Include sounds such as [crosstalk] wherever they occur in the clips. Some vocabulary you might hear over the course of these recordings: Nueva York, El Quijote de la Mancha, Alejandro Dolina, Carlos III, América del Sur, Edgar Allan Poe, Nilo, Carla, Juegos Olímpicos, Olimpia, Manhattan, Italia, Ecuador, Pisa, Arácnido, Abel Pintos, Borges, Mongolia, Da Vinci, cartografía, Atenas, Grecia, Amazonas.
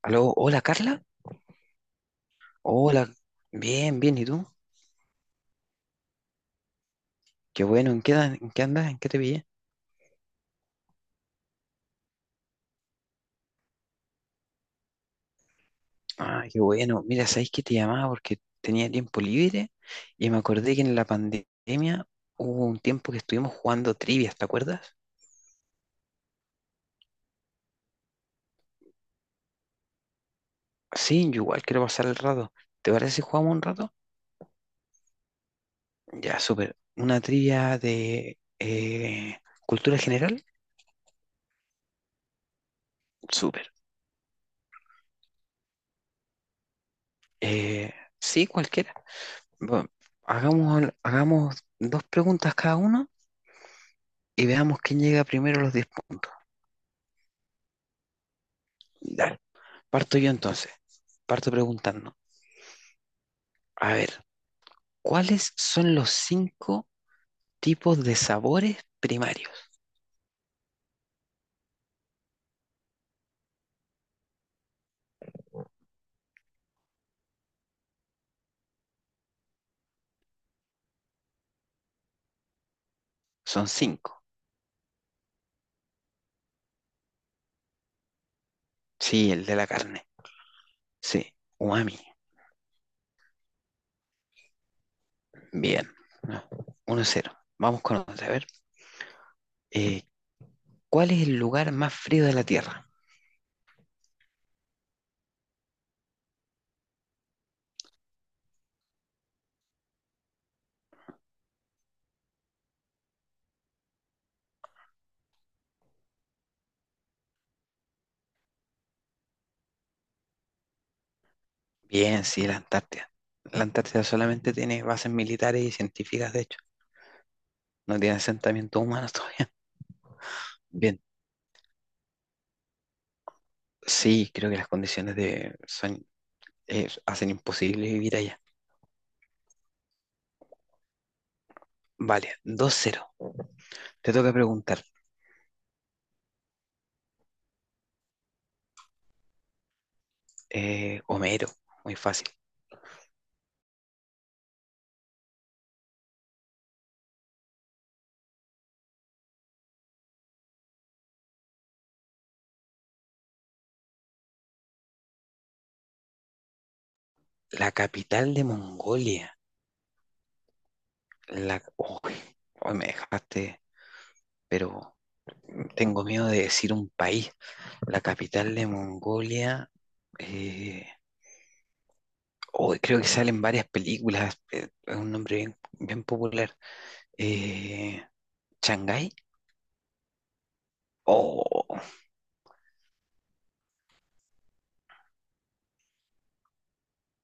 Aló, hola Carla. Hola, bien, bien, ¿y tú? Qué bueno, ¿en qué andas? ¿En qué te pillé? Ah, qué bueno. Mira, ¿sabes que te llamaba? Porque tenía tiempo libre y me acordé que en la pandemia hubo un tiempo que estuvimos jugando trivias, ¿te acuerdas? Sí, yo igual quiero pasar el rato. ¿Te parece si jugamos un rato? Ya, súper. Una trivia de cultura general, súper. Eh, sí, cualquiera. Bueno, hagamos dos preguntas cada uno y veamos quién llega primero a los 10 puntos. Dale, parto yo entonces. Parto preguntando. A ver, ¿cuáles son los cinco tipos de sabores primarios? Son cinco. Sí, el de la carne. Sí, umami. Bien. 1-0. Vamos con otra. A ver, eh, ¿cuál es el lugar más frío de la Tierra? Bien, sí, la Antártida. La Antártida solamente tiene bases militares y científicas, de hecho. No tiene asentamientos humanos todavía. Bien, sí, creo que las condiciones de, son hacen imposible vivir allá. Vale, 2-0. Te toca preguntar, Homero, muy fácil. La capital de Mongolia. Uy, hoy me dejaste, pero tengo miedo de decir un país. La capital de Mongolia. eh, uy, creo que salen varias películas. Es un nombre bien, bien popular. Eh, ¿Shanghái? Oh,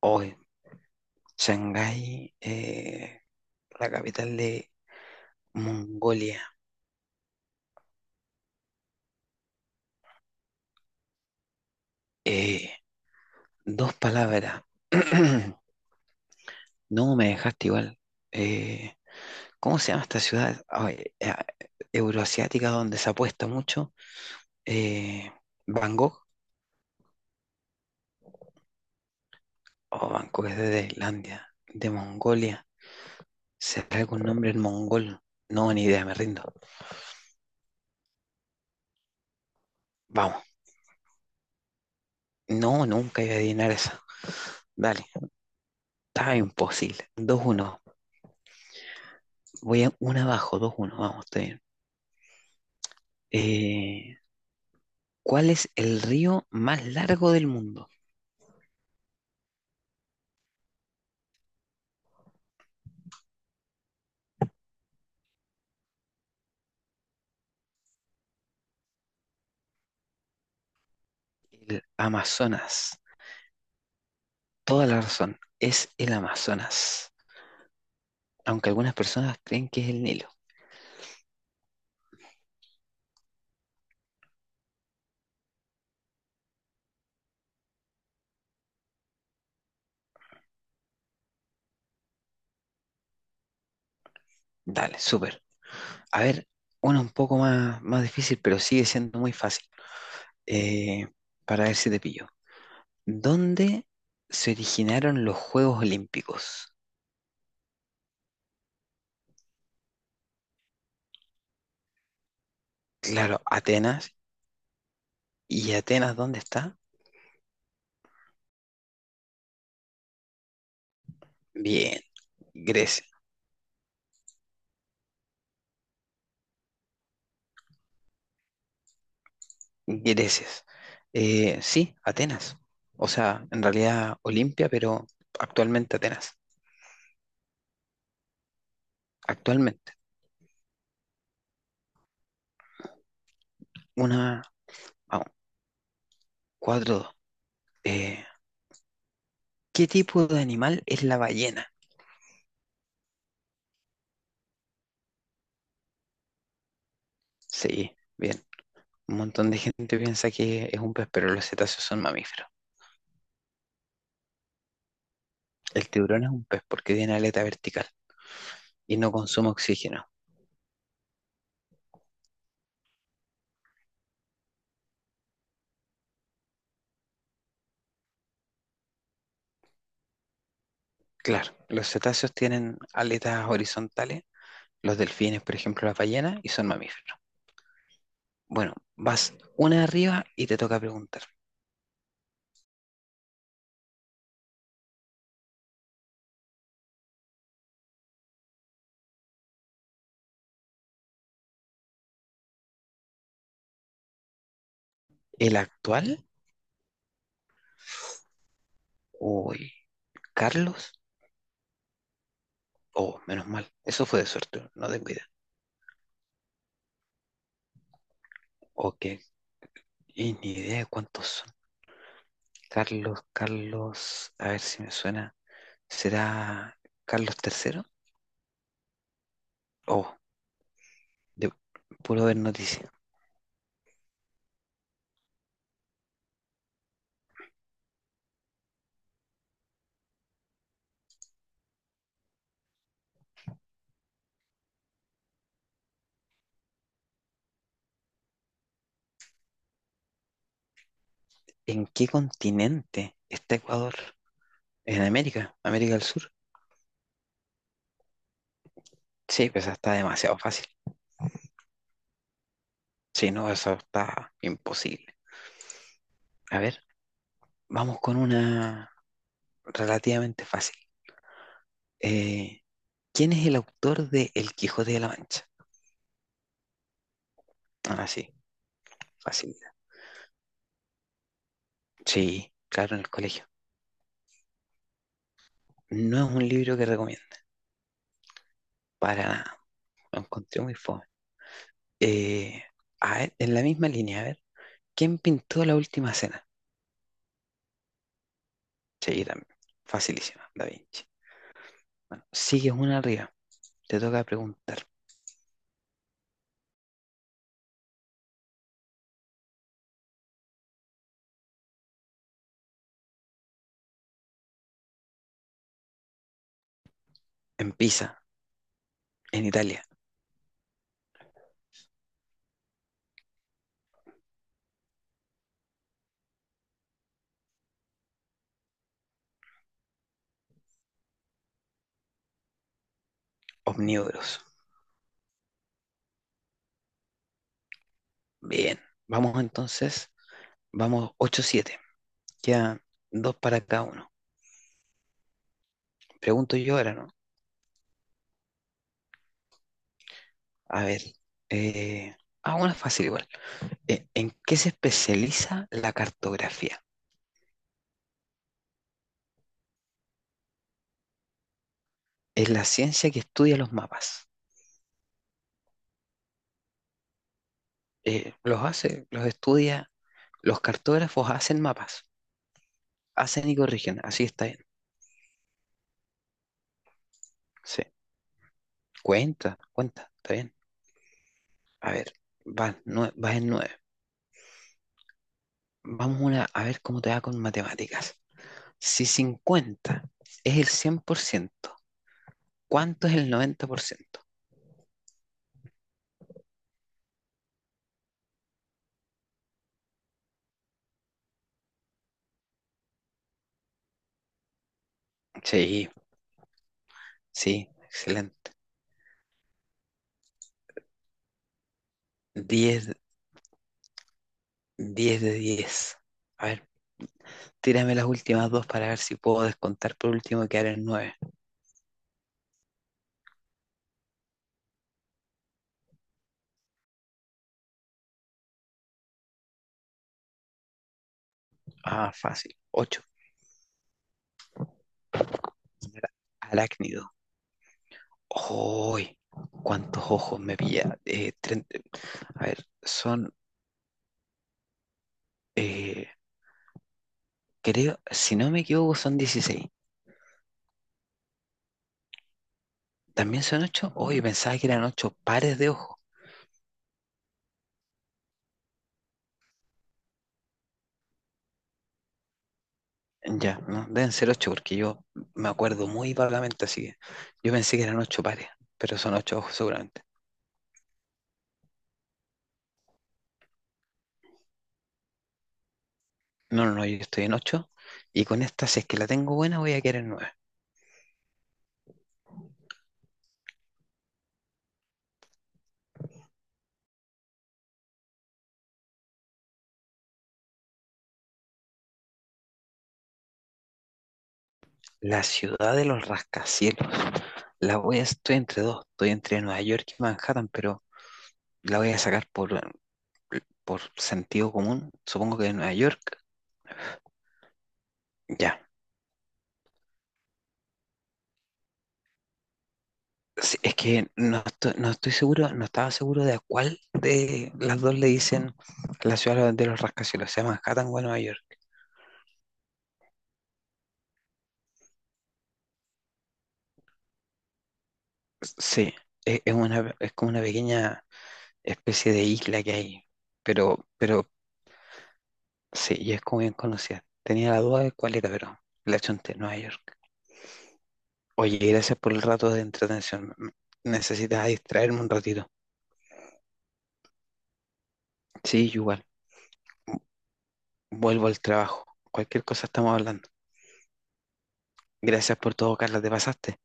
uy, Shanghái, la capital de Mongolia. Eh, Dos palabras. [clears throat] No, me dejaste igual. Eh, ¿cómo se llama esta ciudad? Ay, euroasiática donde se apuesta mucho. Eh, Bangkok. O Bangkok es de Tailandia, de Mongolia. ¿Será algún nombre en mongol? No, ni idea, me rindo. Vamos. No, nunca iba a adivinar esa. Dale, estaba imposible. 2-1. Voy a una abajo, 2-1. Vamos, estoy bien. Eh, ¿cuál es el río más largo del mundo? El Amazonas. Toda la razón. Es el Amazonas. Aunque algunas personas creen que es el Nilo. Dale, súper. A ver, una un poco más difícil, pero sigue siendo muy fácil. Eh, para ver si te pillo. ¿Dónde se originaron los Juegos Olímpicos? Claro, Atenas. ¿Y Atenas dónde está? Bien, Grecia. Grecia. Sí, Atenas. O sea, en realidad Olimpia, pero actualmente Atenas. Actualmente. Una, a 4-2. Eh, ¿qué tipo de animal es la ballena? Sí, bien. Un montón de gente piensa que es un pez, pero los cetáceos son mamíferos. El tiburón es un pez porque tiene aleta vertical y no consume oxígeno. Claro, los cetáceos tienen aletas horizontales, los delfines, por ejemplo, las ballenas, y son mamíferos. Bueno, vas una arriba y te toca preguntar. ¿El actual? Uy, ¿Carlos? Oh, menos mal. Eso fue de suerte, no tengo idea. Ok, y ni idea de cuántos Carlos, a ver si me suena. ¿Será Carlos III? Oh, de puro ver noticias. ¿En qué continente está Ecuador? ¿En América? ¿América del Sur? Sí, pues esa está demasiado fácil. Sí, no, eso está imposible. A ver, vamos con una relativamente fácil. Eh, ¿quién es el autor de El Quijote de la Mancha? Ah, sí, fácil. Sí, claro, en el colegio. No es un libro que recomiendo, para nada. Lo encontré muy fome. Eh, a ver, en la misma línea, a ver, ¿quién pintó la última cena? Sí, también. Facilísima, Da Vinci. Bueno, sigues una arriba. Te toca preguntar. En Pisa, en Italia, omnívoros. Bien. Vamos entonces, vamos 8-7. Quedan dos para cada uno. Pregunto yo ahora, ¿no? A ver. eh, ah, una fácil igual. ¿En qué se especializa la cartografía? Es la ciencia que estudia los mapas. Los hace, los estudia. Los cartógrafos hacen mapas, hacen y corrigen, así está bien. Sí, cuenta, cuenta, está bien. A ver, vas en nueve. Vamos una, a ver cómo te va con matemáticas. Si 50 es el 100%, ¿cuánto es el 90%? Sí, sí, excelente. 10, 10 de 10. A ver, tírame las últimas dos para ver si puedo descontar por último y quedar en nueve. Ah, fácil. 8. Arácnido. ¡Uy! ¿Cuántos ojos me pilla? 30. A ver, eh, creo, si no me equivoco, son 16. ¿También son 8. Uy, pensaba que eran 8 pares de ojos. Ya, no, deben ser 8 porque yo me acuerdo muy vagamente, así que yo pensé que eran 8 pares, pero son 8 ojos seguramente. No, no, no, yo estoy en ocho y con esta, si es que la tengo buena, voy a quedar en 9. La ciudad de los rascacielos. Estoy entre dos, estoy entre Nueva York y Manhattan, pero la voy a sacar por sentido común, supongo que de Nueva York, ya. Sí, es que no estoy seguro, no estaba seguro de a cuál de las dos le dicen la ciudad de los rascacielos, sea Manhattan o Nueva York. Sí, es como una pequeña especie de isla que hay, pero sí, y es como bien conocida. Tenía la duda de cuál era, pero la chunté, Nueva York. Oye, gracias por el rato de entretención. Necesitas distraerme un ratito. Sí, igual. Vuelvo al trabajo. Cualquier cosa estamos hablando. Gracias por todo, Carla, te pasaste.